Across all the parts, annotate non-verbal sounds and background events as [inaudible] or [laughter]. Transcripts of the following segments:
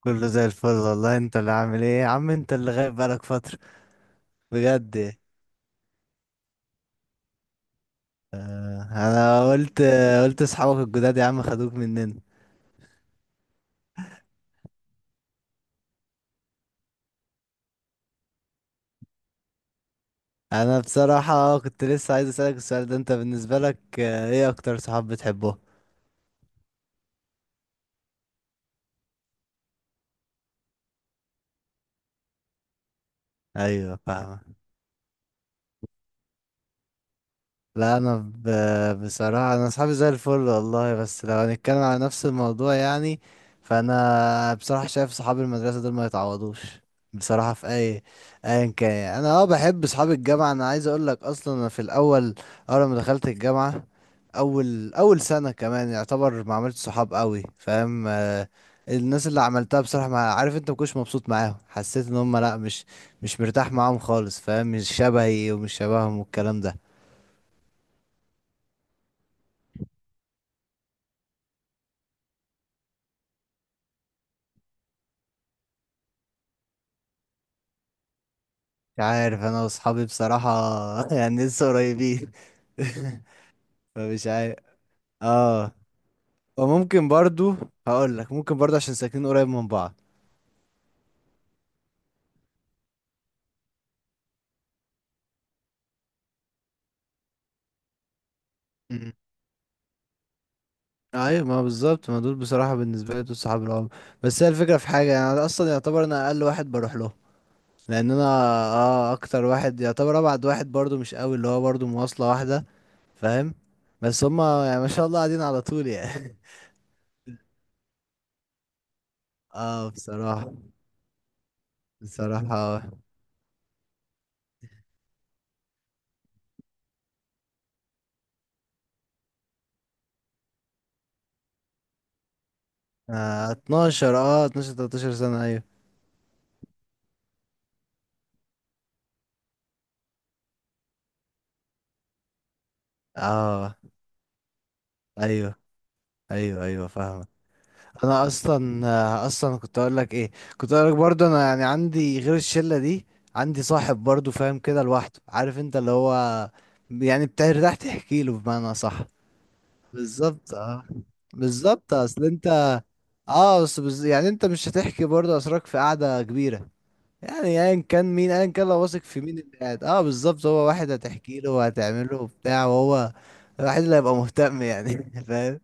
كله زي الفل والله. انت اللي عامل ايه يا عم، انت اللي غايب بقالك فترة بجد. انا قلت اصحابك الجداد يا عم خدوك مننا. انا بصراحة كنت لسه عايز اسألك السؤال ده، انت بالنسبة لك ايه اكتر صحاب بتحبه؟ ايوه فاهمك. لا، انا بصراحه انا اصحابي زي الفل والله، بس لو هنتكلم على نفس الموضوع يعني، فانا بصراحه شايف صحاب المدرسه دول ما يتعوضوش. بصراحه في اي ايا كان يعني. انا بحب صحاب الجامعه، انا عايز اقول لك اصلا انا في الاول اول ما دخلت الجامعه اول اول سنه كمان يعتبر ما عملتش صحاب قوي. فاهم؟ الناس اللي عملتها بصراحه ما عارف انت، ما كنتش مبسوط معاهم، حسيت ان هم لا، مش مرتاح معاهم خالص. فاهم؟ مش شبهي ومش شبههم والكلام ده. مش عارف انا واصحابي بصراحة [laughs] يعني لسه قريبين [laughs] فمش عارف اه. وممكن برضو، هقول لك ممكن برضو عشان ساكنين قريب من بعض. مم. ايوه، ما بالظبط، ما دول بصراحة بالنسبة لي دول صحاب العمر. بس هي الفكرة في حاجة، يعني انا اصلا يعتبر انا اقل واحد بروح له، لان انا اه اكتر واحد يعتبر ابعد واحد برضو، مش قوي اللي هو برضو، مواصلة واحدة. فاهم؟ بس هما يعني ما شاء الله قاعدين على طول يعني. [laughs] اه بصراحة، بصراحة. 12، 13 سنة، ايوه اه، ايوه ايوه. ايوه فاهمك. انا اصلا كنت اقول لك ايه، كنت اقول لك برضو انا يعني عندي غير الشلة دي، عندي صاحب برضو فاهم، كده لوحده، عارف انت اللي هو يعني بترتاح تحكي له بمعنى. صح؟ بالظبط اه. بالظبط. اصل انت، يعني انت مش هتحكي برضو اسرارك في قعدة كبيرة، يعني ايا كان مين، ايا كان لو واثق في مين اللي قاعد، اه بالظبط، هو واحد هتحكي له وهتعمله وبتاع، وهو الواحد اللي هيبقى مهتم يعني. [laughs] فاهم؟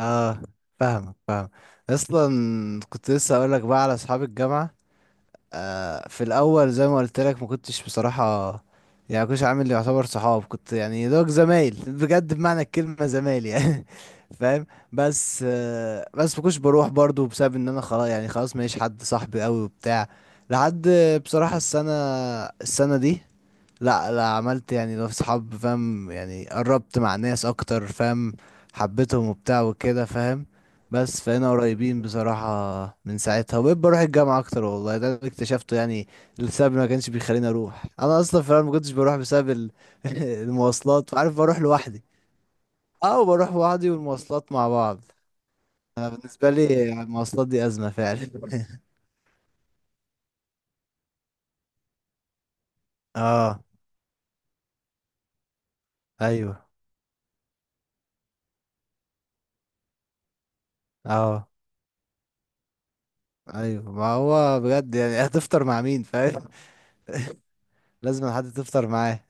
اه فاهمك، فاهم. اصلا كنت لسه اقول لك بقى على اصحاب الجامعه، في الاول زي ما قلت لك ما كنتش بصراحه، يعني ما كنتش عامل يعتبر صحاب، كنت يعني دوك زمايل بجد، بمعنى الكلمه زمايل يعني. [laughs] فاهم؟ بس ما كنتش بروح برضو بسبب ان انا خلاص، يعني خلاص ماليش حد صاحبي قوي وبتاع. لحد بصراحه السنه دي، لا لا عملت يعني لو صحاب، فاهم يعني قربت مع ناس اكتر، فاهم، حبيتهم وبتاع وكده. فاهم؟ بس فانا قريبين بصراحة من ساعتها، وبقيت بروح الجامعة اكتر. والله ده اللي اكتشفته يعني، السبب اللي ما كانش بيخليني اروح، انا اصلا في الأول ما كنتش بروح بسبب [laughs] المواصلات، عارف، بروح لوحدي. اه، بروح لوحدي والمواصلات مع بعض. انا بالنسبة لي المواصلات دي ازمة فعلا. [laughs] اه ايوه، اه ايوه، ما هو بجد يعني هتفطر مع مين؟ فاهم؟ [laughs] لازم حد تفطر معاه.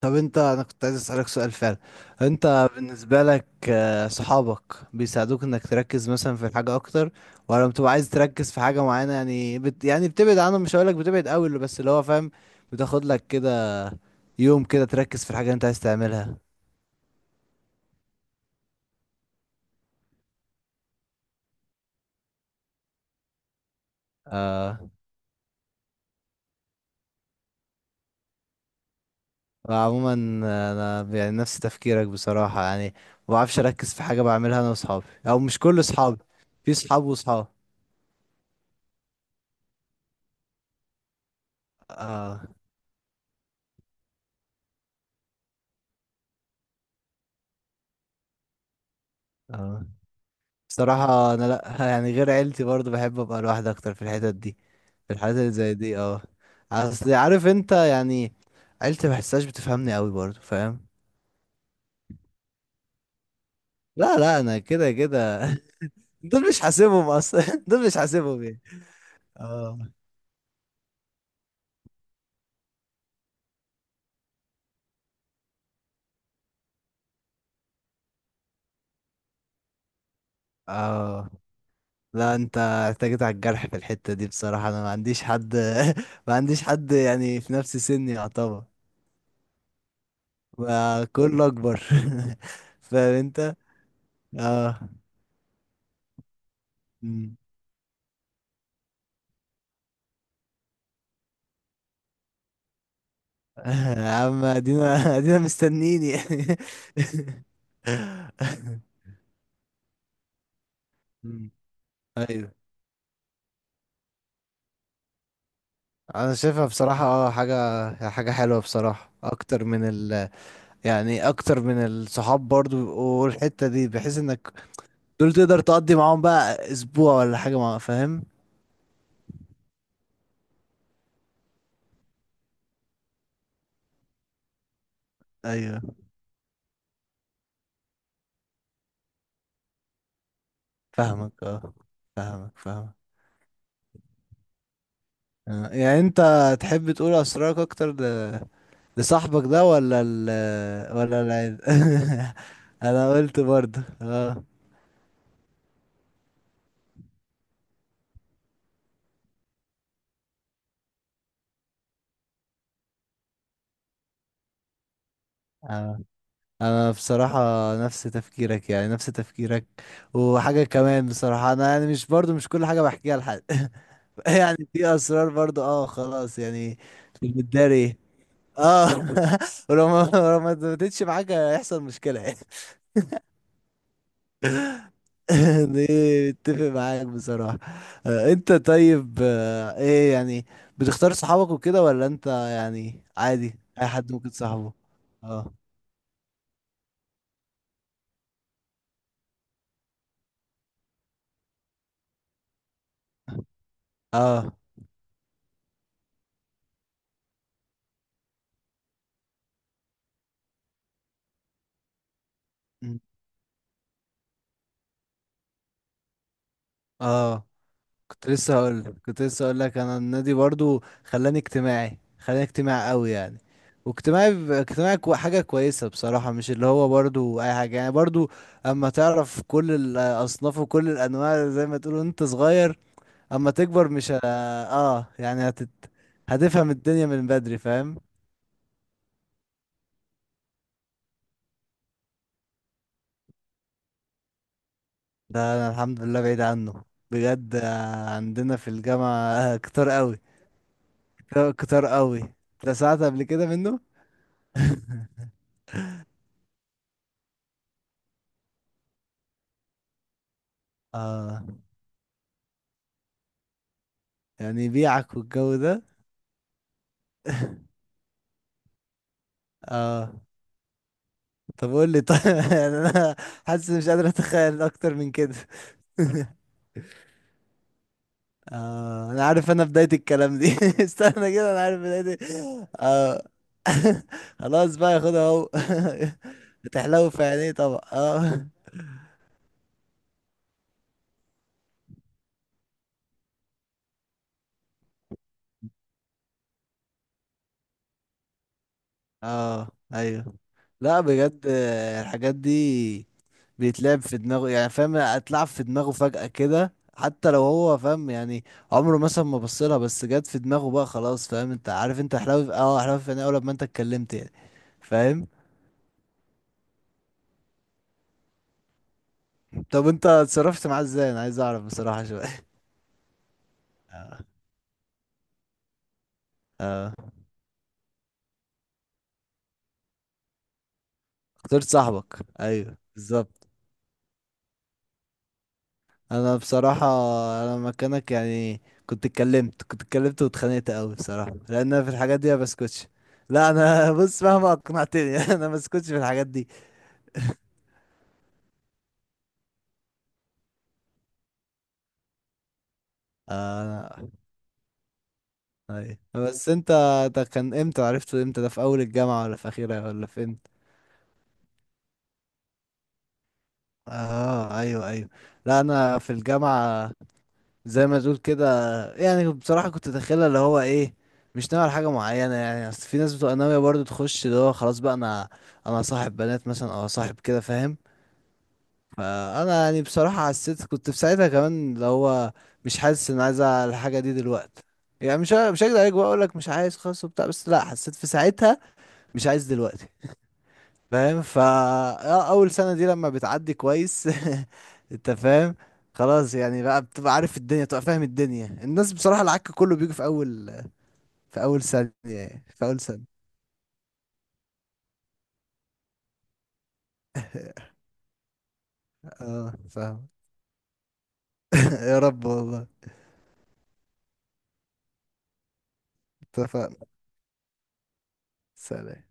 طب انت، انا كنت عايز اسالك سؤال فعلا، انت بالنسبه لك صحابك بيساعدوك انك تركز مثلا في حاجه اكتر، ولا بتبقى عايز تركز في حاجه معينه يعني يعني بتبعد عنهم، مش هقولك بتبعد قوي بس اللي هو فاهم، بتاخد لك كده يوم كده تركز في الحاجه اللي انت عايز تعملها. آه. وعموما آه، انا يعني نفس تفكيرك بصراحه، يعني ما بعرفش اركز في حاجه بعملها انا واصحابي، او مش كل اصحابي، في صحاب وصحاب. اه اه. بصراحة أنا لأ، يعني غير عيلتي برضو بحب أبقى لوحدي أكتر في الحتت دي، في الحاجات اللي زي دي اه. أصل عارف أنت يعني عيلتي ما بحسهاش بتفهمني أوي برضو. فاهم؟ لا لا، أنا كده كده. [laughs] دول مش حاسبهم أصلا، [laughs] دول مش حاسبهم يعني. اه اه. لا أنت احتاجت على الجرح في الحتة دي بصراحة، أنا ما عنديش حد، [laughs] ما عنديش حد يعني في نفس سني يعتبر، ما كله أكبر. [laughs] فاهم أنت؟ اه. [laughs] يا عم، ادينا، [laughs] ادينا مستنيين يعني. [laughs] مم. ايوه. انا شايفها بصراحة اه، حاجة حاجة حلوة بصراحة، اكتر من ال، يعني اكتر من الصحاب برضو، بيبقوا الحتة دي بحيث انك دول تقدر تقضي معاهم بقى اسبوع ولا حاجة مع. فاهم؟ ايوه فاهمك اه، فاهمك فاهمك. يعني انت تحب تقول اسرارك اكتر لصاحبك ده، ولا ولا العيد؟ [laughs] انا قلت برضه اه. آه. انا بصراحة نفس تفكيرك، يعني نفس تفكيرك، وحاجة كمان بصراحة، انا يعني مش برضه مش كل حاجة بحكيها لحد. [laughs] يعني في اسرار برضه اه، خلاص يعني. بتداري اه. [laughs] ولو ما اتمتتش معاك هيحصل مشكلة. [laughs] [laughs] دي اتفق معاك بصراحة. انت طيب ايه يعني، بتختار صحابك وكده، ولا انت يعني عادي اي حد ممكن صاحبه؟ اه اه. مم. اه. كنت لسه هقول، كنت لسه هقول لك انا النادي برضو خلاني اجتماعي، خلاني اجتماعي قوي يعني. واجتماعي ب- اجتماعي كو- حاجة كويسة بصراحة، مش اللي هو برضو اي حاجة، يعني برضو اما تعرف كل الاصناف وكل الانواع زي ما تقولوا، انت صغير اما تكبر مش ه... اه يعني هتفهم الدنيا من بدري. فاهم؟ ده انا الحمد لله بعيد عنه. بجد عندنا في الجامعة، [laughs] كتار قوي، كتار كتار قوي، اتلسعت قبل كده منه. [laughs] اه، يعني بيعك والجو ده. [laughs] اه. طب قول لي طيب. [laughs] يعني انا حاسس إني مش قادر اتخيل اكتر من كده. [laughs] آه انا عارف، انا بداية الكلام دي [laughs] استنى كده، انا عارف بداية إيه. آه. [laughs] خلاص بقى، خدها اهو. [laughs] هتحلو في عينيه طبعا اه. اه ايوه. لا بجد الحاجات دي بيتلعب في دماغه، يعني فاهم، اتلعب في دماغه فجأة كده، حتى لو هو فاهم يعني عمره مثلا ما بصلها، بس جت في دماغه بقى خلاص. فاهم انت؟ عارف، انت حلاوي حلاوي في عينيه اول ما انت اتكلمت يعني. فاهم؟ طب انت اتصرفت معاه ازاي؟ انا عايز اعرف بصراحة شوية. [laughs] اه. آه. اخترت صاحبك، ايوه بالظبط. انا بصراحه انا مكانك يعني، كنت اتكلمت، كنت اتكلمت واتخانقت قوي بصراحه، لان أنا في الحاجات دي ما بسكتش. لا انا [laughs] بص، مهما اقنعتني [laughs] انا ما بسكتش في الحاجات دي. [laughs] آه. أيوة. بس انت، ده كان امتى؟ عرفته امتى ده، في اول الجامعه ولا في اخرها ولا في امتى؟ اه ايوه، ايوه. لا انا في الجامعه، زي ما تقول كده، يعني بصراحة كنت داخلها اللي هو ايه، مش ناوي على حاجة معينة، يعني اصل في ناس بتبقى ناوية برضه تخش اللي هو خلاص بقى انا، انا صاحب بنات مثلا، او صاحب كده. فاهم؟ فانا يعني بصراحة حسيت، كنت في ساعتها كمان اللي هو مش حاسس ان عايز الحاجة دي دلوقتي، يعني مش هكدب عليك واقول لك مش عايز خلاص وبتاع، بس لا، حسيت في ساعتها مش عايز دلوقتي. فاهم فا اول سنه دي لما بتعدي كويس. [laughs] انت فاهم، خلاص يعني بقى، بتبقى عارف الدنيا، بتبقى فاهم الدنيا، الناس بصراحه، العك كله بيجي في اول، في اول سنه يعني في اول سنه. اه فاهم. [laughs] يا رب والله. اتفقنا. سلام.